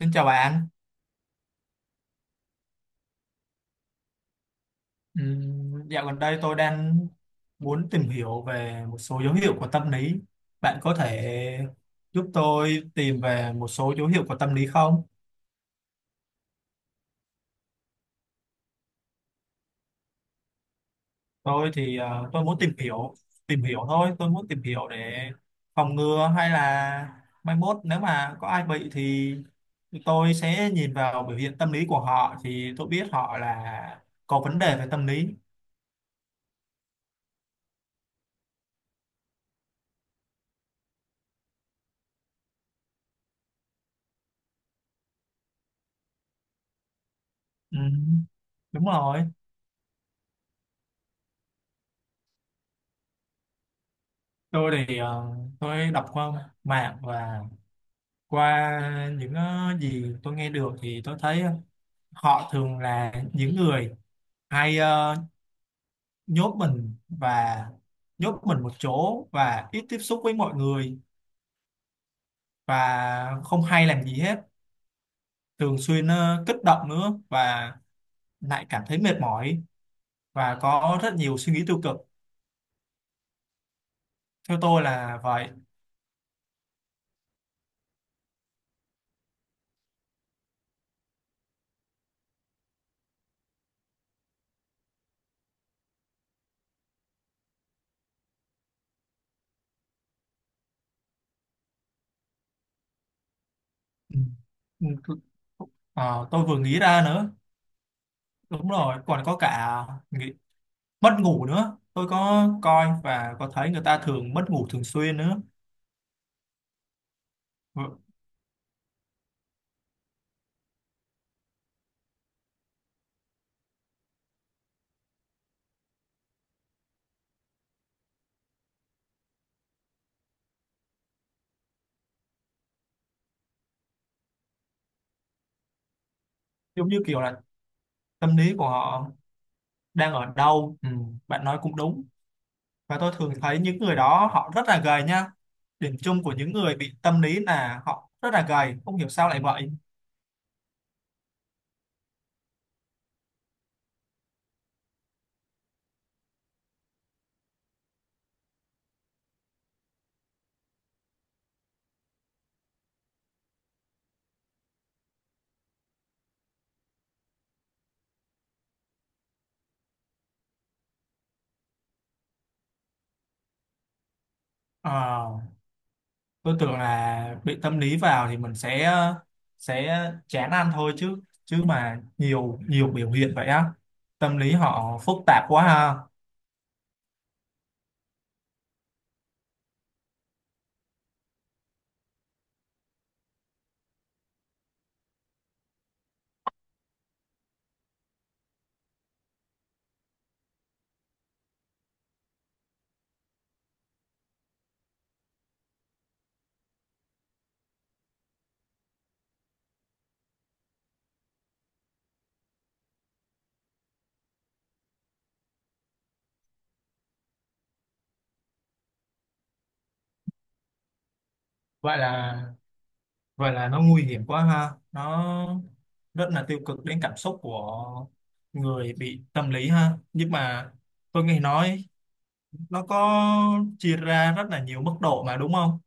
Xin chào bạn. Dạo gần đây tôi đang muốn tìm hiểu về một số dấu hiệu của tâm lý. Bạn có thể giúp tôi tìm về một số dấu hiệu của tâm lý không? Tôi thì tôi muốn tìm hiểu thôi. Tôi muốn tìm hiểu để phòng ngừa hay là mai mốt nếu mà có ai bị thì tôi sẽ nhìn vào biểu hiện tâm lý của họ thì tôi biết họ là có vấn đề về tâm lý. Ừm, đúng rồi. Tôi thì tôi đọc qua mạng và qua những gì tôi nghe được thì tôi thấy họ thường là những người hay nhốt mình và nhốt mình một chỗ và ít tiếp xúc với mọi người và không hay làm gì hết, thường xuyên kích động nữa và lại cảm thấy mệt mỏi và có rất nhiều suy nghĩ tiêu cực, theo tôi là vậy. Ừ. Ừ, ờ, tôi vừa nghĩ ra nữa, đúng rồi còn có cả mất ngủ nữa, tôi có coi và có thấy người ta thường mất ngủ thường xuyên nữa. Ừ, giống như kiểu là tâm lý của họ đang ở đâu. Ừ, bạn nói cũng đúng và tôi thường thấy những người đó họ rất là gầy nha, điểm chung của những người bị tâm lý là họ rất là gầy, không hiểu sao lại vậy. Ờ, tôi tưởng là bị tâm lý vào thì mình sẽ chán ăn thôi chứ, chứ mà nhiều nhiều biểu hiện vậy á, tâm lý họ phức tạp quá ha. Vậy là Vậy là nó nguy hiểm quá ha. Nó rất là tiêu cực đến cảm xúc của người bị tâm lý ha. Nhưng mà tôi nghe nói nó có chia ra rất là nhiều mức độ mà đúng không?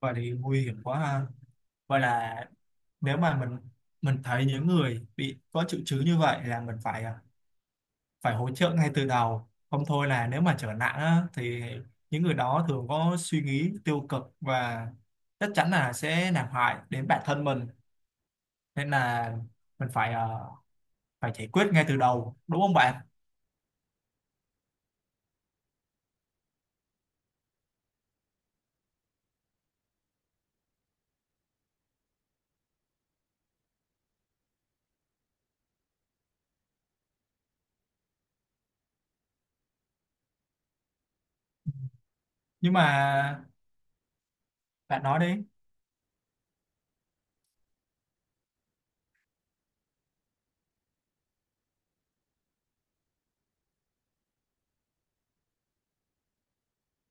Vậy thì nguy hiểm quá ha. Vậy là nếu mà mình thấy những người bị có triệu chứng như vậy là mình phải phải hỗ trợ ngay từ đầu. Không thôi là nếu mà trở nặng á, thì những người đó thường có suy nghĩ tiêu cực và chắc chắn là sẽ làm hại đến bản thân mình, nên là mình phải phải giải quyết ngay từ đầu đúng không bạn. Nhưng mà bạn nói đi.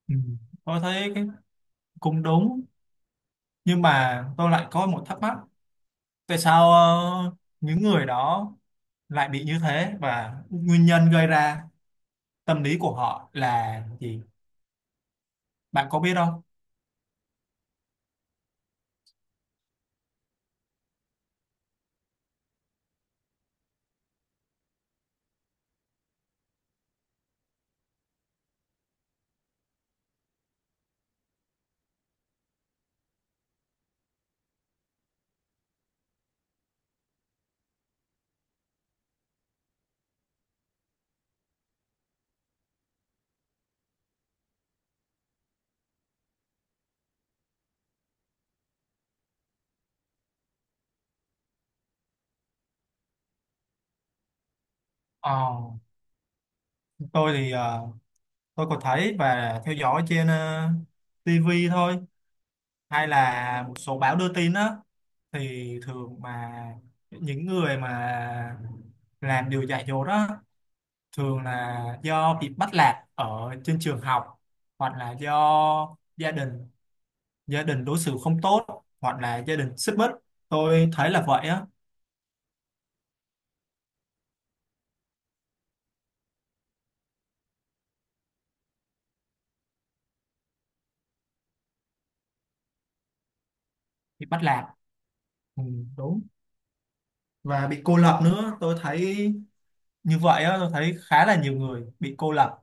Ừ, tôi thấy cái cũng đúng, nhưng mà tôi lại có một thắc mắc, tại sao những người đó lại bị như thế và nguyên nhân gây ra tâm lý của họ là gì, bạn có biết không? ờ, tôi thì tôi có thấy và theo dõi trên TV thôi, hay là một số báo đưa tin á, thì thường mà những người mà làm điều dạy dỗ đó thường là do bị bắt nạt ở trên trường học, hoặc là do gia đình đối xử không tốt hoặc là gia đình xích mích, tôi thấy là vậy á. Bị bắt nạt. Ừ, đúng, và bị cô lập nữa tôi thấy, như vậy á, tôi thấy khá là nhiều người bị cô lập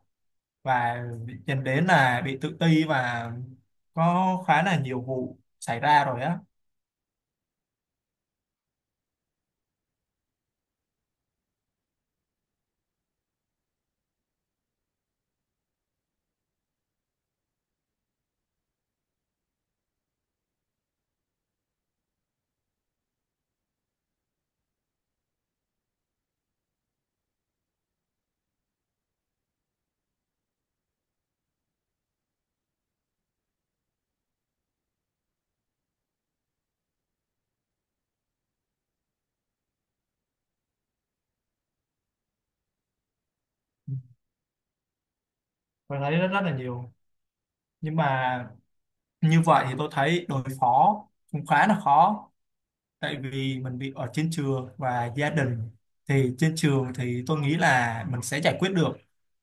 và dẫn đến là bị tự ti và có khá là nhiều vụ xảy ra rồi á. Ừ, tôi thấy rất rất là nhiều, nhưng mà như vậy thì tôi thấy đối phó cũng khá là khó, tại vì mình bị ở trên trường và gia đình, thì trên trường thì tôi nghĩ là mình sẽ giải quyết được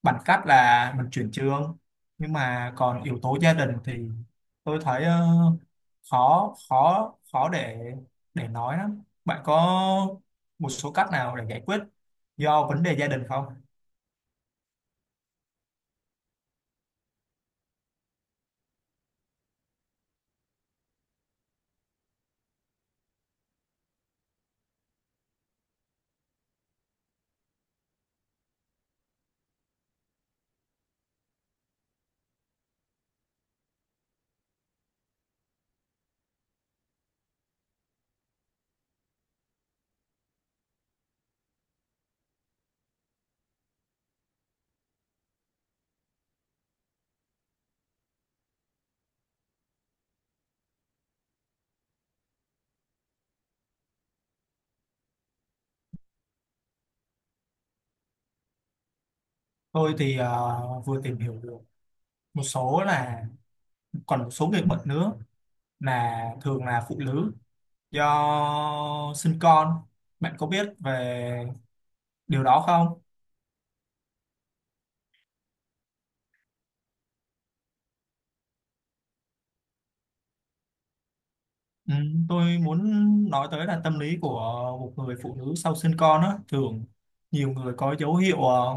bằng cách là mình chuyển trường, nhưng mà còn yếu tố gia đình thì tôi thấy khó khó khó để nói lắm, bạn có một số cách nào để giải quyết do vấn đề gia đình không? Tôi thì vừa tìm hiểu được một số là còn một số người bệnh nữa là thường là phụ nữ do sinh con, bạn có biết về điều đó không? Ừ, tôi muốn nói tới là tâm lý của một người phụ nữ sau sinh con á, thường nhiều người có dấu hiệu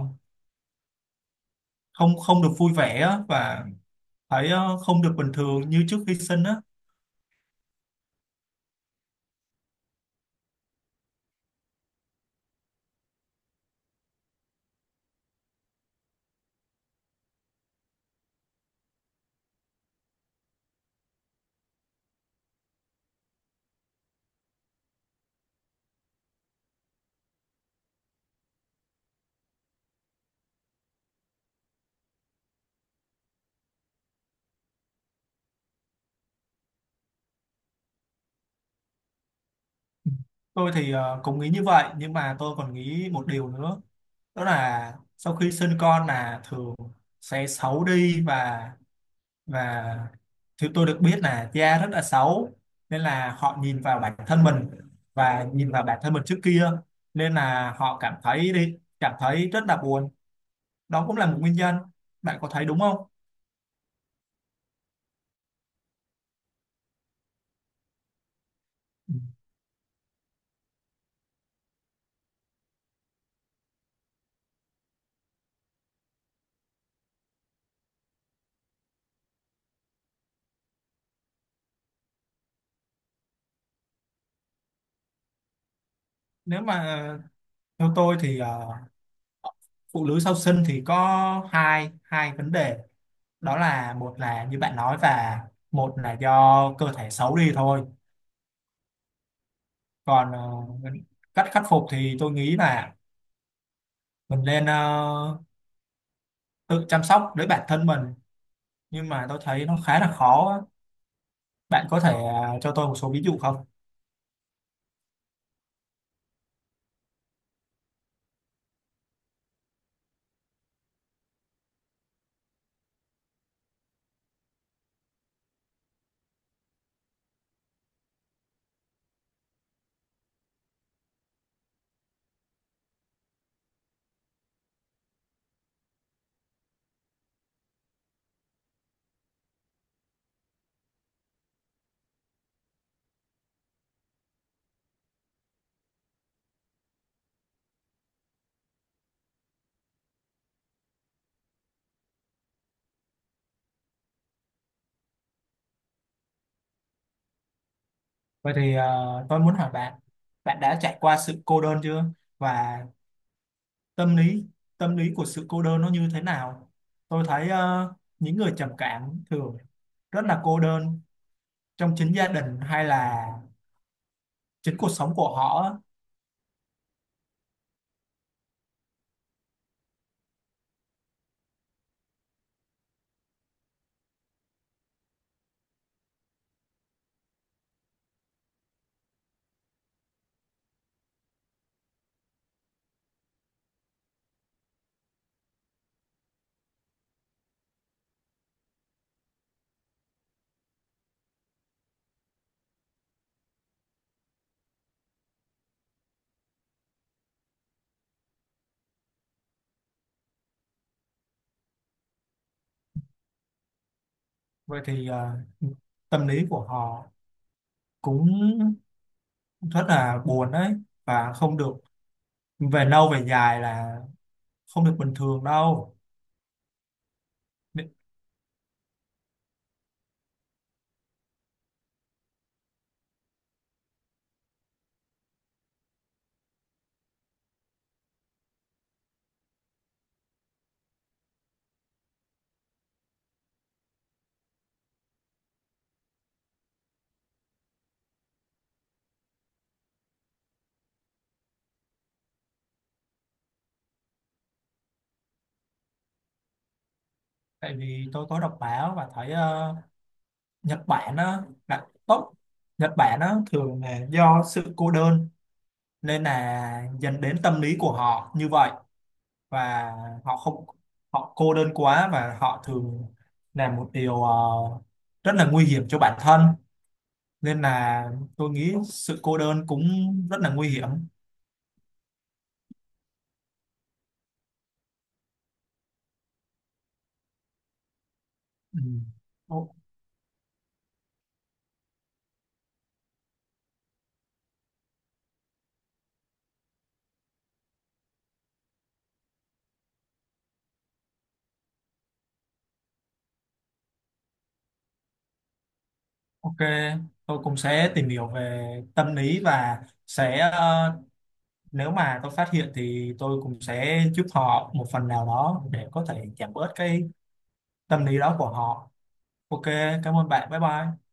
không không được vui vẻ á, và thấy không được bình thường như trước khi sinh á. Ừ. Tôi thì cũng nghĩ như vậy nhưng mà tôi còn nghĩ một điều nữa, đó là sau khi sinh con là thường sẽ xấu đi và thứ tôi được biết là da rất là xấu, nên là họ nhìn vào bản thân mình và nhìn vào bản thân mình trước kia, nên là họ cảm thấy rất là buồn, đó cũng là một nguyên nhân, bạn có thấy đúng không? Ừ. Nếu mà theo tôi thì phụ nữ sau sinh thì có hai hai vấn đề, đó là một là như bạn nói và một là do cơ thể xấu đi thôi, còn cách khắc phục thì tôi nghĩ là mình nên tự chăm sóc lấy bản thân mình, nhưng mà tôi thấy nó khá là khó á. Bạn có thể cho tôi một số ví dụ không? Vậy thì tôi muốn hỏi bạn, bạn đã trải qua sự cô đơn chưa? Và tâm lý tâm lý của sự cô đơn nó như thế nào? Tôi thấy những người trầm cảm thường rất là cô đơn trong chính gia đình hay là chính cuộc sống của họ á. Vậy thì tâm lý của họ cũng rất là buồn đấy, và không được, về lâu về dài là không được bình thường đâu. Tại vì tôi có đọc báo và thấy Nhật Bản á là tốt, Nhật Bản á thường là do sự cô đơn nên là dẫn đến tâm lý của họ như vậy, và họ không, họ cô đơn quá và họ thường làm một điều rất là nguy hiểm cho bản thân, nên là tôi nghĩ sự cô đơn cũng rất là nguy hiểm. Ừ. O- ok, tôi cũng sẽ tìm hiểu về tâm lý và sẽ nếu mà tôi phát hiện thì tôi cũng sẽ giúp họ một phần nào đó để có thể giảm bớt cái tâm lý đó của họ. Ok, cảm ơn bạn, bye bye.